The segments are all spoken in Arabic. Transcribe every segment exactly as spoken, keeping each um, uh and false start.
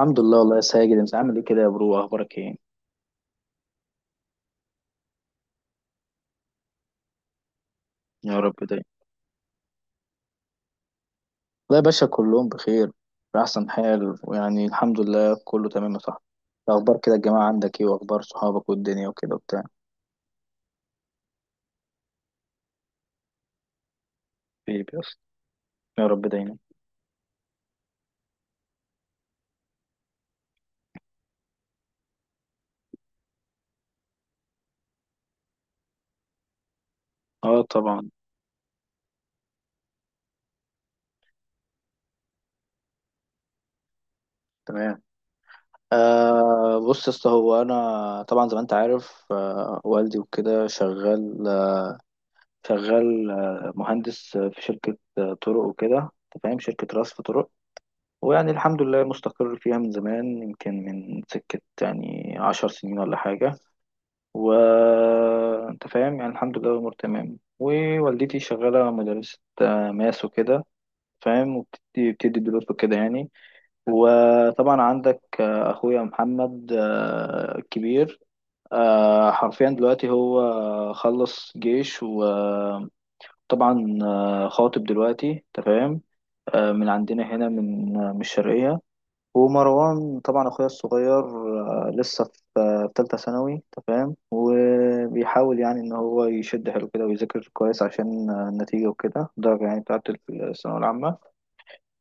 الحمد لله، والله يا ساجد. انت عامل ايه كده يا برو؟ اخبارك ايه؟ يا رب دايما. لا يا باشا، كلهم بخير بأحسن حال. ويعني الحمد لله كله تمام يا صاحبي. إيه اخبار كده الجماعة عندك؟ ايه واخبار صحابك والدنيا وكده وبتاع؟ حبيبي يا اسطى. يا رب دايما. اه طبعا. تمام. آه بص يا اسطى، هو انا طبعا زي ما انت عارف آه والدي وكده شغال شغال آه، مهندس في شركة آه، طرق وكده. انت فاهم؟ شركة رصف طرق. ويعني الحمد لله مستقر فيها من زمان، يمكن من سكة يعني عشر سنين ولا حاجة. وأنت فاهم يعني الحمد لله الأمور تمام. ووالدتي شغالة مدرسة آه، ماس وكده، فاهم؟ وبتدي بتدي دروس وكده يعني. وطبعا عندك آه، أخويا محمد آه، الكبير. آه، حرفيا دلوقتي هو خلص جيش، وطبعا آه، خاطب دلوقتي، تمام. من عندنا هنا من آه، من الشرقية. ومروان طبعا اخويا الصغير آه، لسه في آه، في تالتة ثانوي. انت فاهم؟ وبيحاول يعني ان هو يشد حيله كده ويذاكر كويس عشان آه، النتيجة وكده، الدرجة يعني بتاعت الثانوية العامة.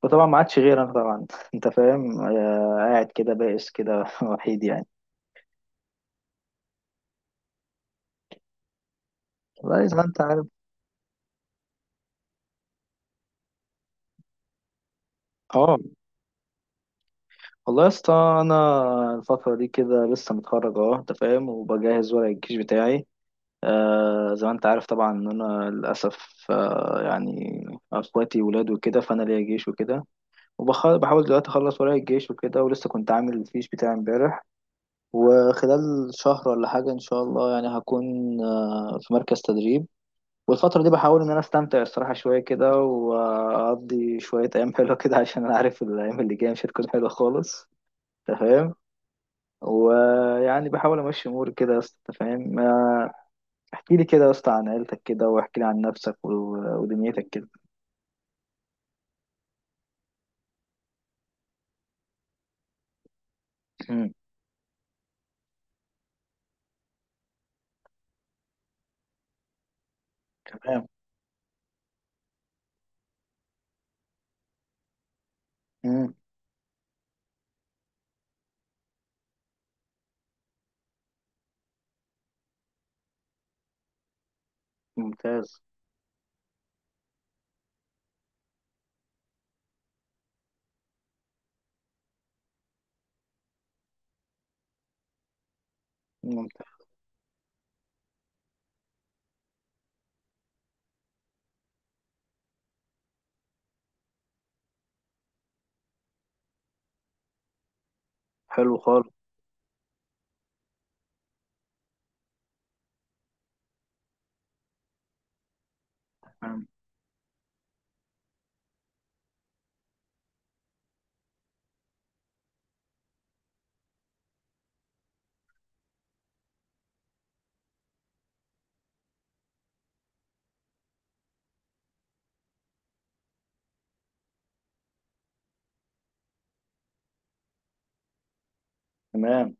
وطبعا ما عادش غير انا طبعا انت فاهم آه، قاعد كده بائس كده وحيد يعني. والله زي ما انت عارف. اه. والله يا اسطى، انا الفترة دي كده لسه متخرج اه انت فاهم، وبجهز ورق الجيش بتاعي. آه زي ما انت عارف طبعا ان انا للاسف آه يعني اخواتي ولاد وكده، فانا ليا جيش وكده. وبحاول دلوقتي اخلص ورايا الجيش وكده، ولسه كنت عامل الفيش بتاعي امبارح. وخلال شهر ولا حاجه ان شاء الله يعني هكون آه في مركز تدريب. والفتره دي بحاول ان انا استمتع الصراحه شويه كده، واقضي شويه ايام حلوه كده عشان انا عارف الايام اللي جايه مش هتكون حلوه خالص. تمام. ويعني بحاول امشي اموري كده يا اسطى، انت فاهم آه، احكي لي كده يا اسطى عن عيلتك كده، واحكي لي عن نفسك و- ودنيتك كده. مم. تمام. مم. ممتاز. ممتاز. حلو خالص. تمام. تمام.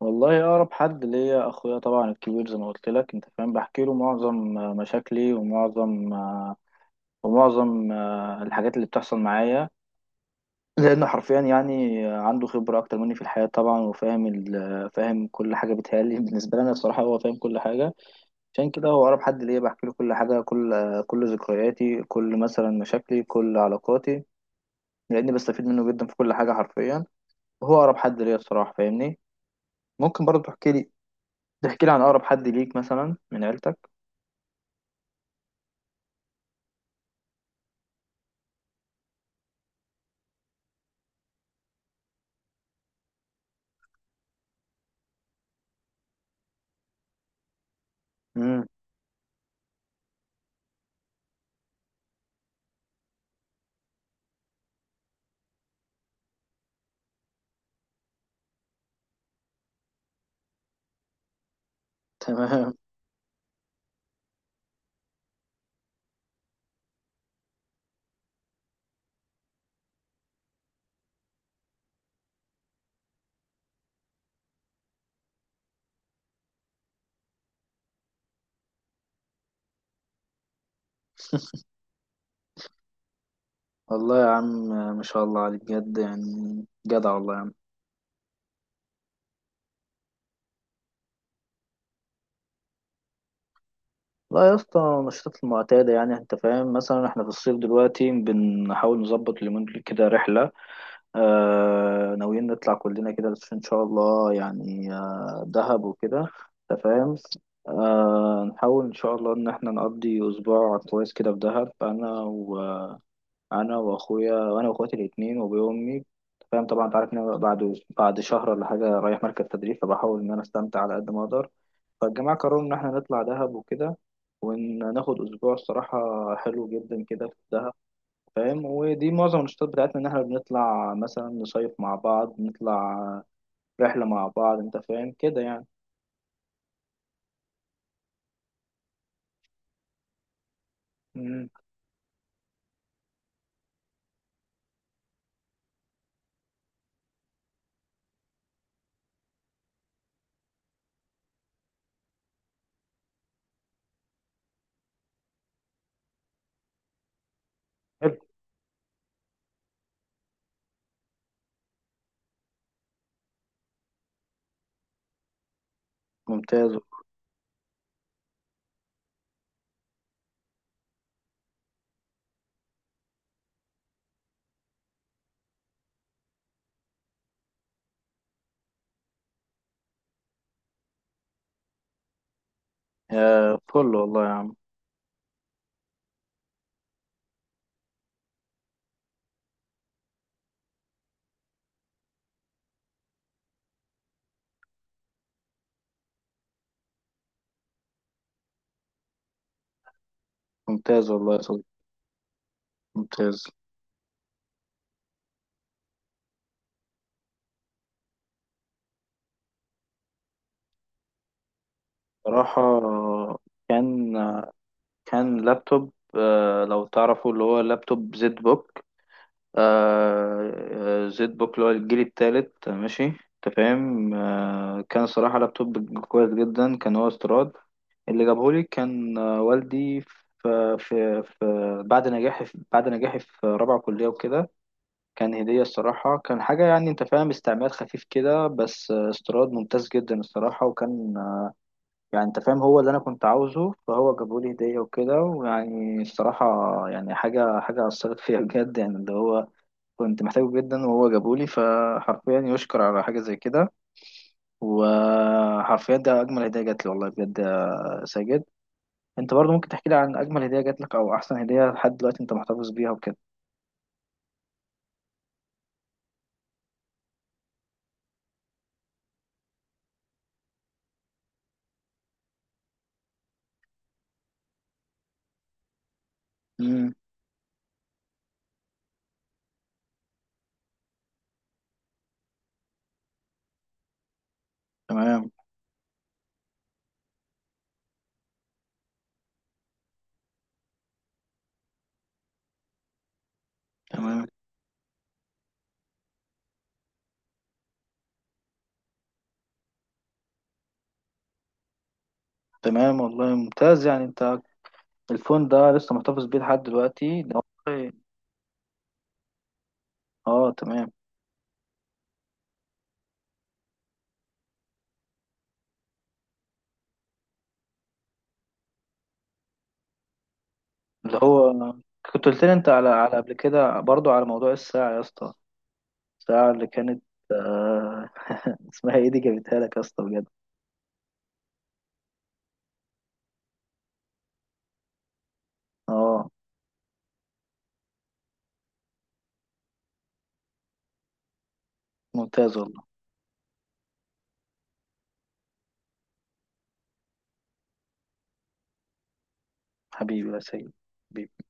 والله اقرب حد ليا اخويا، طبعا الكبير زي ما قلت لك. انت فاهم؟ بحكي له معظم مشاكلي، ومعظم ومعظم آه، الحاجات اللي بتحصل معايا. لانه حرفيا يعني عنده خبره اكتر مني في الحياه طبعا، وفاهم ال- فاهم كل حاجه. بتهيألي بالنسبه لي انا الصراحه هو فاهم كل حاجه. عشان كده هو أقرب حد ليا، بحكي له كل حاجة. كل كل ذكرياتي، كل مثلا مشاكلي، كل علاقاتي. لأني بستفيد منه جدا في كل حاجة حرفيا. وهو أقرب حد ليا الصراحة، فاهمني. ممكن برضه تحكي لي تحكي لي عن أقرب حد ليك مثلا من عيلتك. امم. تمام. والله يا عم، ما شاء الله عليك بجد يعني. جدع والله يا عم. لا يا اسطى، النشاطات المعتادة يعني. انت فاهم؟ مثلا احنا في الصيف دلوقتي بنحاول نظبط اليومين دول كده رحلة. آه ناويين نطلع كلنا كده، بس ان شاء الله يعني آه دهب وكده. انت فاهم؟ آه نحاول ان شاء الله ان احنا نقضي اسبوع كويس كده في دهب. انا وانا واخويا وانا واخواتي الاتنين وابويا وامي. أنت فاهم طبعا، انت عارف ان انا بعد بعد شهر ولا حاجه رايح مركز تدريب، فبحاول ان انا استمتع على قد ما اقدر. فالجماعه قرروا ان احنا نطلع دهب وكده، وناخد اسبوع الصراحه حلو جدا كده في دهب. فاهم؟ ودي معظم النشاطات بتاعتنا، ان احنا بنطلع مثلا نصيف مع بعض، نطلع رحلة مع بعض. انت فاهم كده يعني. مم. حلو. ممتاز. يا فل والله يا عم. ممتاز والله يا صديقي. ممتاز. صراحة كان كان لابتوب آه، لو تعرفوا، اللي هو لابتوب زد بوك. آه زد بوك اللي هو الجيل التالت، ماشي؟ انت فاهم آه كان صراحة لابتوب كويس جدا، كان هو استيراد. اللي جابهولي كان آه والدي، في, في, في بعد نجاحي في بعد نجاحي في رابعة كلية وكده. كان هدية. الصراحة كان حاجة، يعني انت فاهم، استعمال خفيف كده بس آه، استيراد ممتاز جدا الصراحة. وكان آه، يعني انت فاهم هو اللي انا كنت عاوزه، فهو جابهولي هدية وكده. ويعني الصراحة يعني حاجة حاجة أثرت فيا بجد، يعني اللي هو كنت محتاجه جدا وهو جابولي، فحرفيا يشكر على حاجة زي كده. وحرفيا ده أجمل هدية جات لي، والله بجد يا ساجد. أنت برضو ممكن تحكي لي عن أجمل هدية جات لك، أو أحسن هدية لحد دلوقتي أنت محتفظ بيها وكده. امم. تمام. تمام. تمام والله، ممتاز يعني. أنت الفون ده لسه محتفظ بيه لحد دلوقتي ده؟ والله. أه تمام. اللي هو كنت قلت لي أنت على على قبل كده برضو على موضوع الساعة يا اسطى. الساعة اللي كانت آه، اسمها إيه دي، جابتها لك يا اسطى بجد. اه. ممتاز والله. حبيبي يا سيد. حبيبي.